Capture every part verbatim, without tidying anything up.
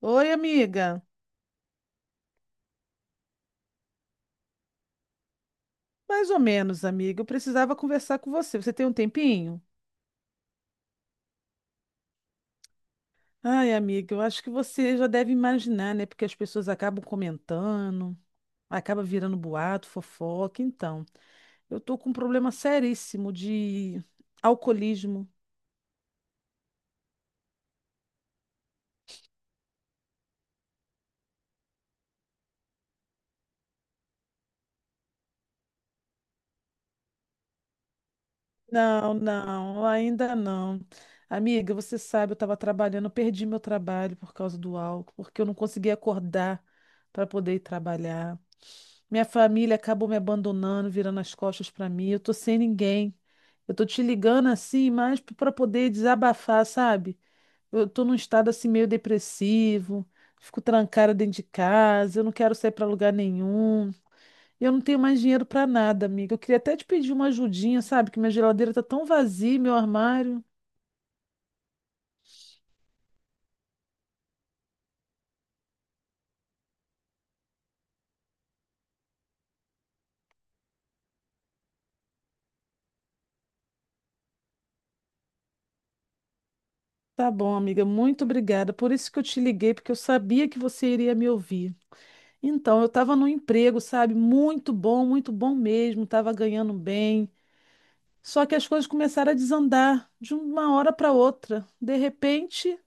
Oi, amiga. Mais ou menos, amiga. Eu precisava conversar com você. Você tem um tempinho? Ai, amiga, eu acho que você já deve imaginar, né? Porque as pessoas acabam comentando, acaba virando boato, fofoca. Então, eu tô com um problema seríssimo de alcoolismo. Não, não, ainda não. Amiga, você sabe, eu estava trabalhando, eu perdi meu trabalho por causa do álcool, porque eu não conseguia acordar para poder ir trabalhar. Minha família acabou me abandonando, virando as costas para mim. Eu tô sem ninguém. Eu tô te ligando assim, mas para poder desabafar, sabe? Eu tô num estado assim meio depressivo, fico trancada dentro de casa, eu não quero sair para lugar nenhum. Eu não tenho mais dinheiro para nada, amiga. Eu queria até te pedir uma ajudinha, sabe? Que minha geladeira tá tão vazia, meu armário. Tá bom, amiga, muito obrigada. Por isso que eu te liguei, porque eu sabia que você iria me ouvir. Então, eu estava num emprego, sabe, muito bom, muito bom mesmo, estava ganhando bem. Só que as coisas começaram a desandar de uma hora para outra. De repente,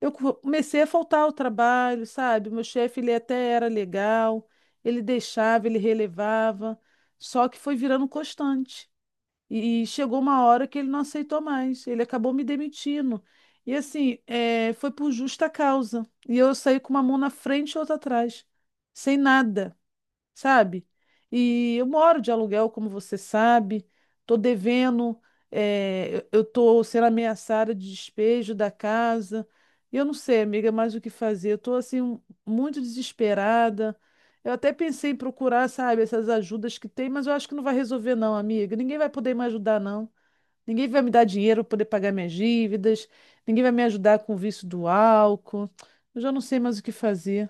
eu co- comecei a faltar ao trabalho, sabe? O meu chefe, ele até era legal, ele deixava, ele relevava, só que foi virando constante. E chegou uma hora que ele não aceitou mais, ele acabou me demitindo. E assim, eh, foi por justa causa. E eu saí com uma mão na frente e outra atrás, sem nada, sabe? E eu moro de aluguel, como você sabe, tô devendo, eh, eu eu tô sendo ameaçada de despejo da casa. E eu não sei, amiga, é mais o que fazer. Eu tô assim um- muito desesperada. Eu até pensei em procurar, sabe, essas ajudas que tem, mas eu acho que não vai resolver não, amiga. Ninguém vai poder me ajudar não. Ninguém vai me dar dinheiro para poder pagar minhas dívidas. Ninguém vai me ajudar com o vício do álcool. Eu já não sei mais o que fazer.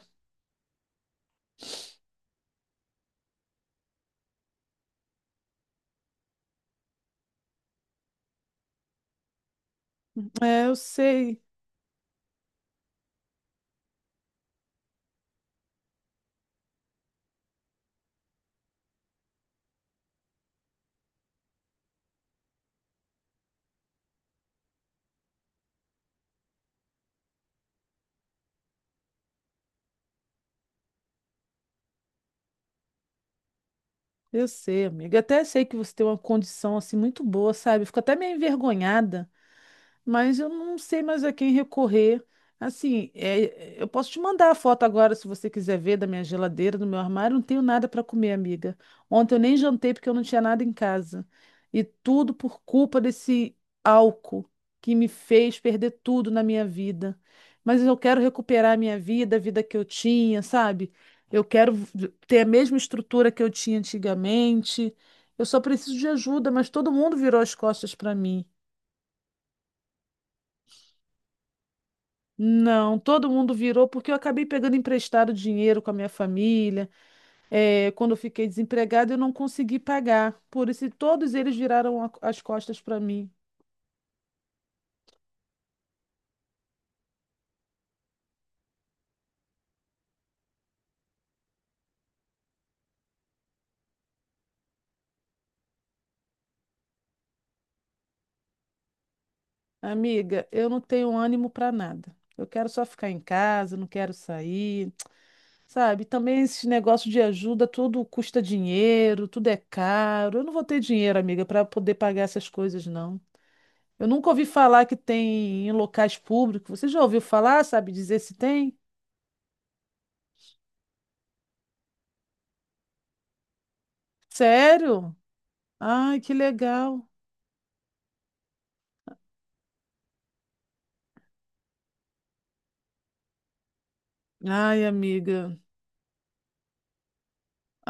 É, eu sei. Eu sei, amiga. Até sei que você tem uma condição assim muito boa, sabe? Eu fico até meio envergonhada, mas eu não sei mais a quem recorrer. Assim, é, eu posso te mandar a foto agora, se você quiser ver, da minha geladeira, do meu armário. Não tenho nada para comer, amiga. Ontem eu nem jantei porque eu não tinha nada em casa. E tudo por culpa desse álcool que me fez perder tudo na minha vida. Mas eu quero recuperar a minha vida, a vida que eu tinha, sabe? Eu quero v- ter a mesma estrutura que eu tinha antigamente. Eu só preciso de ajuda, mas todo mundo virou as costas para mim. Não, todo mundo virou porque eu acabei pegando emprestado dinheiro com a minha família. Eh, quando eu fiquei desempregada, eu não consegui pagar. Por isso, todos eles viraram a- as costas para mim. Amiga, eu não tenho ânimo para nada. Eu quero só ficar em casa, não quero sair, sabe? Também esses negócios de ajuda, tudo custa dinheiro, tudo é caro. Eu não vou ter dinheiro, amiga, para poder pagar essas coisas, não. Eu nunca ouvi falar que tem em locais públicos. Você já ouviu falar, sabe, dizer se tem? Sério? Ai, que legal. Ai, amiga.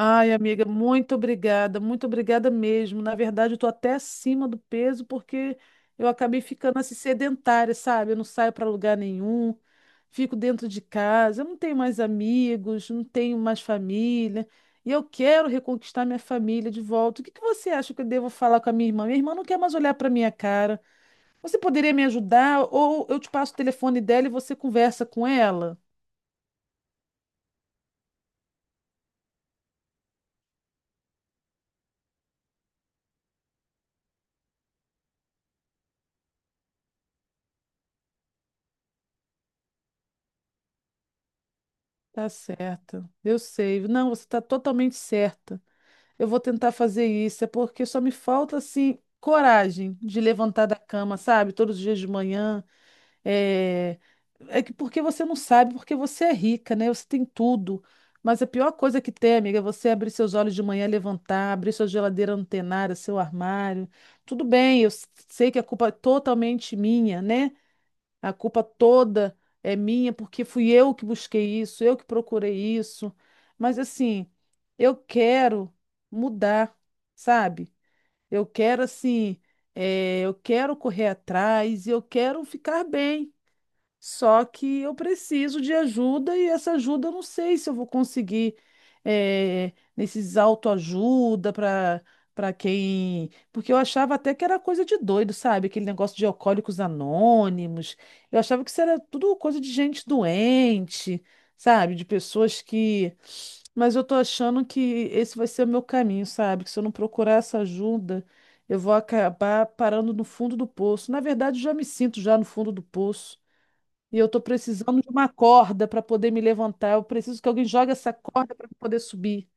Ai, amiga, muito obrigada, muito obrigada mesmo. Na verdade, eu estou até acima do peso porque eu acabei ficando assim sedentária, sabe? Eu não saio para lugar nenhum, fico dentro de casa, eu não tenho mais amigos, não tenho mais família. E eu quero reconquistar minha família de volta. O que que você acha que eu devo falar com a minha irmã? Minha irmã não quer mais olhar para minha cara. Você poderia me ajudar? Ou eu te passo o telefone dela e você conversa com ela? Tá certa. Eu sei. Não, você tá totalmente certa. Eu vou tentar fazer isso, é porque só me falta, assim, coragem de levantar da cama, sabe? Todos os dias de manhã. É, é que porque você não sabe, porque você é rica, né? Você tem tudo. Mas a pior coisa que tem, amiga, é você abrir seus olhos de manhã, levantar, abrir sua geladeira antenada, seu armário. Tudo bem, eu s- sei que a culpa é totalmente minha, né? A culpa toda é minha porque fui eu que busquei isso, eu que procurei isso. Mas assim, eu quero mudar, sabe? Eu quero assim, eh, eu quero correr atrás e eu quero ficar bem. Só que eu preciso de ajuda e essa ajuda eu não sei se eu vou conseguir, eh, nesses autoajuda para para quem. Porque eu achava até que era coisa de doido, sabe? Aquele negócio de alcoólicos anônimos. Eu achava que isso era tudo coisa de gente doente, sabe? De pessoas que. Mas eu tô achando que esse vai ser o meu caminho, sabe? Que se eu não procurar essa ajuda, eu vou acabar parando no fundo do poço. Na verdade, eu já me sinto já no fundo do poço. E eu tô precisando de uma corda para poder me levantar. Eu preciso que alguém jogue essa corda para poder subir.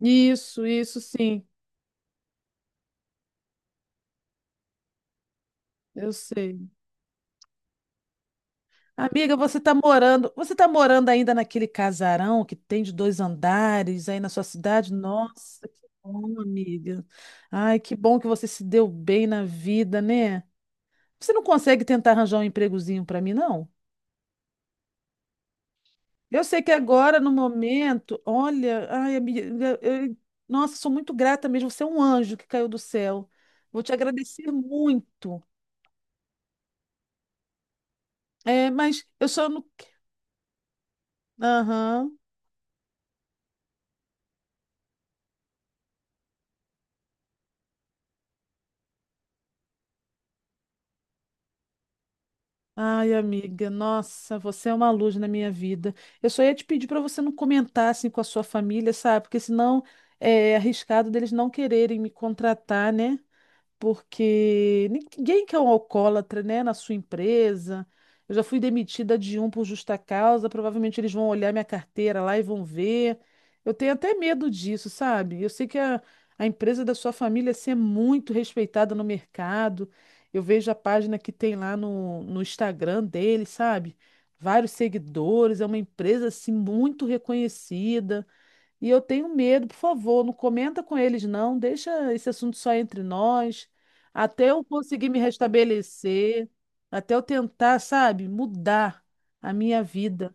Isso, isso sim. Eu sei. Amiga, você tá morando, você tá morando ainda naquele casarão que tem de dois andares aí na sua cidade? Nossa, que bom, amiga. Ai, que bom que você se deu bem na vida, né? Você não consegue tentar arranjar um empregozinho para mim, não? Eu sei que agora, no momento, olha, ai, amiga, eu- nossa, sou muito grata mesmo. Você é um anjo que caiu do céu. Vou te agradecer muito. É, mas eu só não. Aham. Ai, amiga, nossa, você é uma luz na minha vida. Eu só ia te pedir para você não comentar assim com a sua família, sabe? Porque senão é é arriscado deles não quererem me contratar, né? Porque ninguém quer um alcoólatra, né, na sua empresa. Eu já fui demitida de um por justa causa, provavelmente eles vão olhar minha carteira lá e vão ver. Eu tenho até medo disso, sabe? Eu sei que a, a empresa da sua família assim, é muito respeitada no mercado. Eu vejo a página que tem lá no, no Instagram dele, sabe? Vários seguidores, é uma empresa assim muito reconhecida. E eu tenho medo, por favor, não comenta com eles, não. Deixa esse assunto só entre nós. Até eu conseguir me restabelecer, até eu tentar, sabe, mudar a minha vida.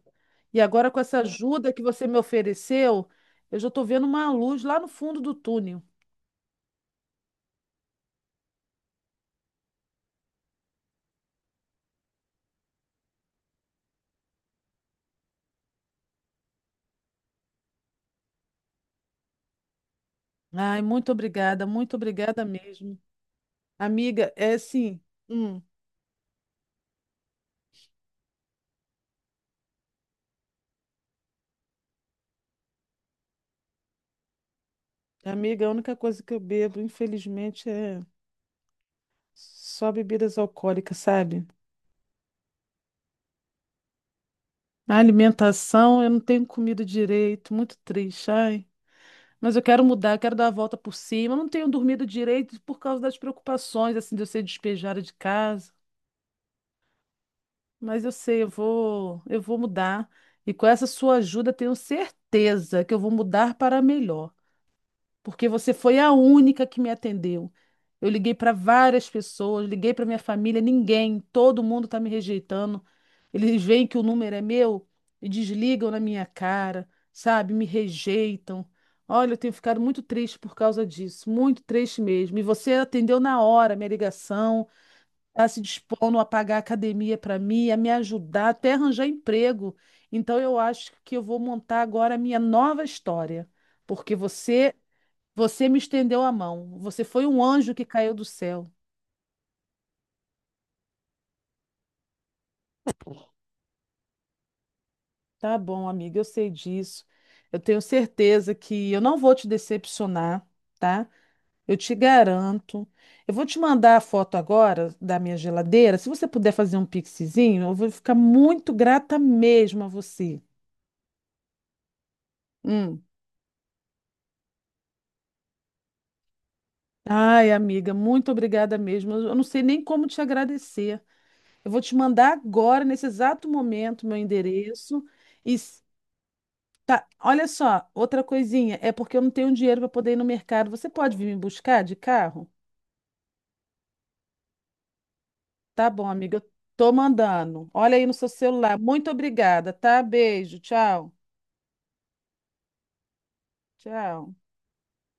E agora, com essa ajuda que você me ofereceu, eu já estou vendo uma luz lá no fundo do túnel. Ai, muito obrigada, muito obrigada mesmo. Amiga, é assim, hum, amiga, a única coisa que eu bebo, infelizmente, é só bebidas alcoólicas, sabe? A alimentação, eu não tenho comido direito, muito triste, ai. Mas eu quero mudar, eu quero dar a volta por cima. Eu não tenho dormido direito por causa das preocupações, assim, de eu ser despejada de casa. Mas eu sei, eu vou, eu vou mudar. E com essa sua ajuda, tenho certeza que eu vou mudar para melhor. Porque você foi a única que me atendeu. Eu liguei para várias pessoas, liguei para minha família, ninguém, todo mundo está me rejeitando. Eles veem que o número é meu e desligam na minha cara, sabe? Me rejeitam. Olha, eu tenho ficado muito triste por causa disso, muito triste mesmo. E você atendeu na hora a minha ligação, está se dispondo a pagar a academia para mim, a me ajudar, até arranjar emprego. Então eu acho que eu vou montar agora a minha nova história, porque você você me estendeu a mão. Você foi um anjo que caiu do céu. Tá bom, amiga, eu sei disso. Eu tenho certeza que eu não vou te decepcionar, tá? Eu te garanto. Eu vou te mandar a foto agora da minha geladeira. Se você puder fazer um pixizinho, eu vou ficar muito grata mesmo a você. Hum. Ai, amiga, muito obrigada mesmo. Eu eu não sei nem como te agradecer. Eu vou te mandar agora, nesse exato momento, meu endereço. E Tá, olha só, outra coisinha, é porque eu não tenho dinheiro para poder ir no mercado. Você pode vir me buscar de carro? Tá bom, amiga, eu tô mandando. Olha aí no seu celular. Muito obrigada, tá? Beijo, tchau. Tchau.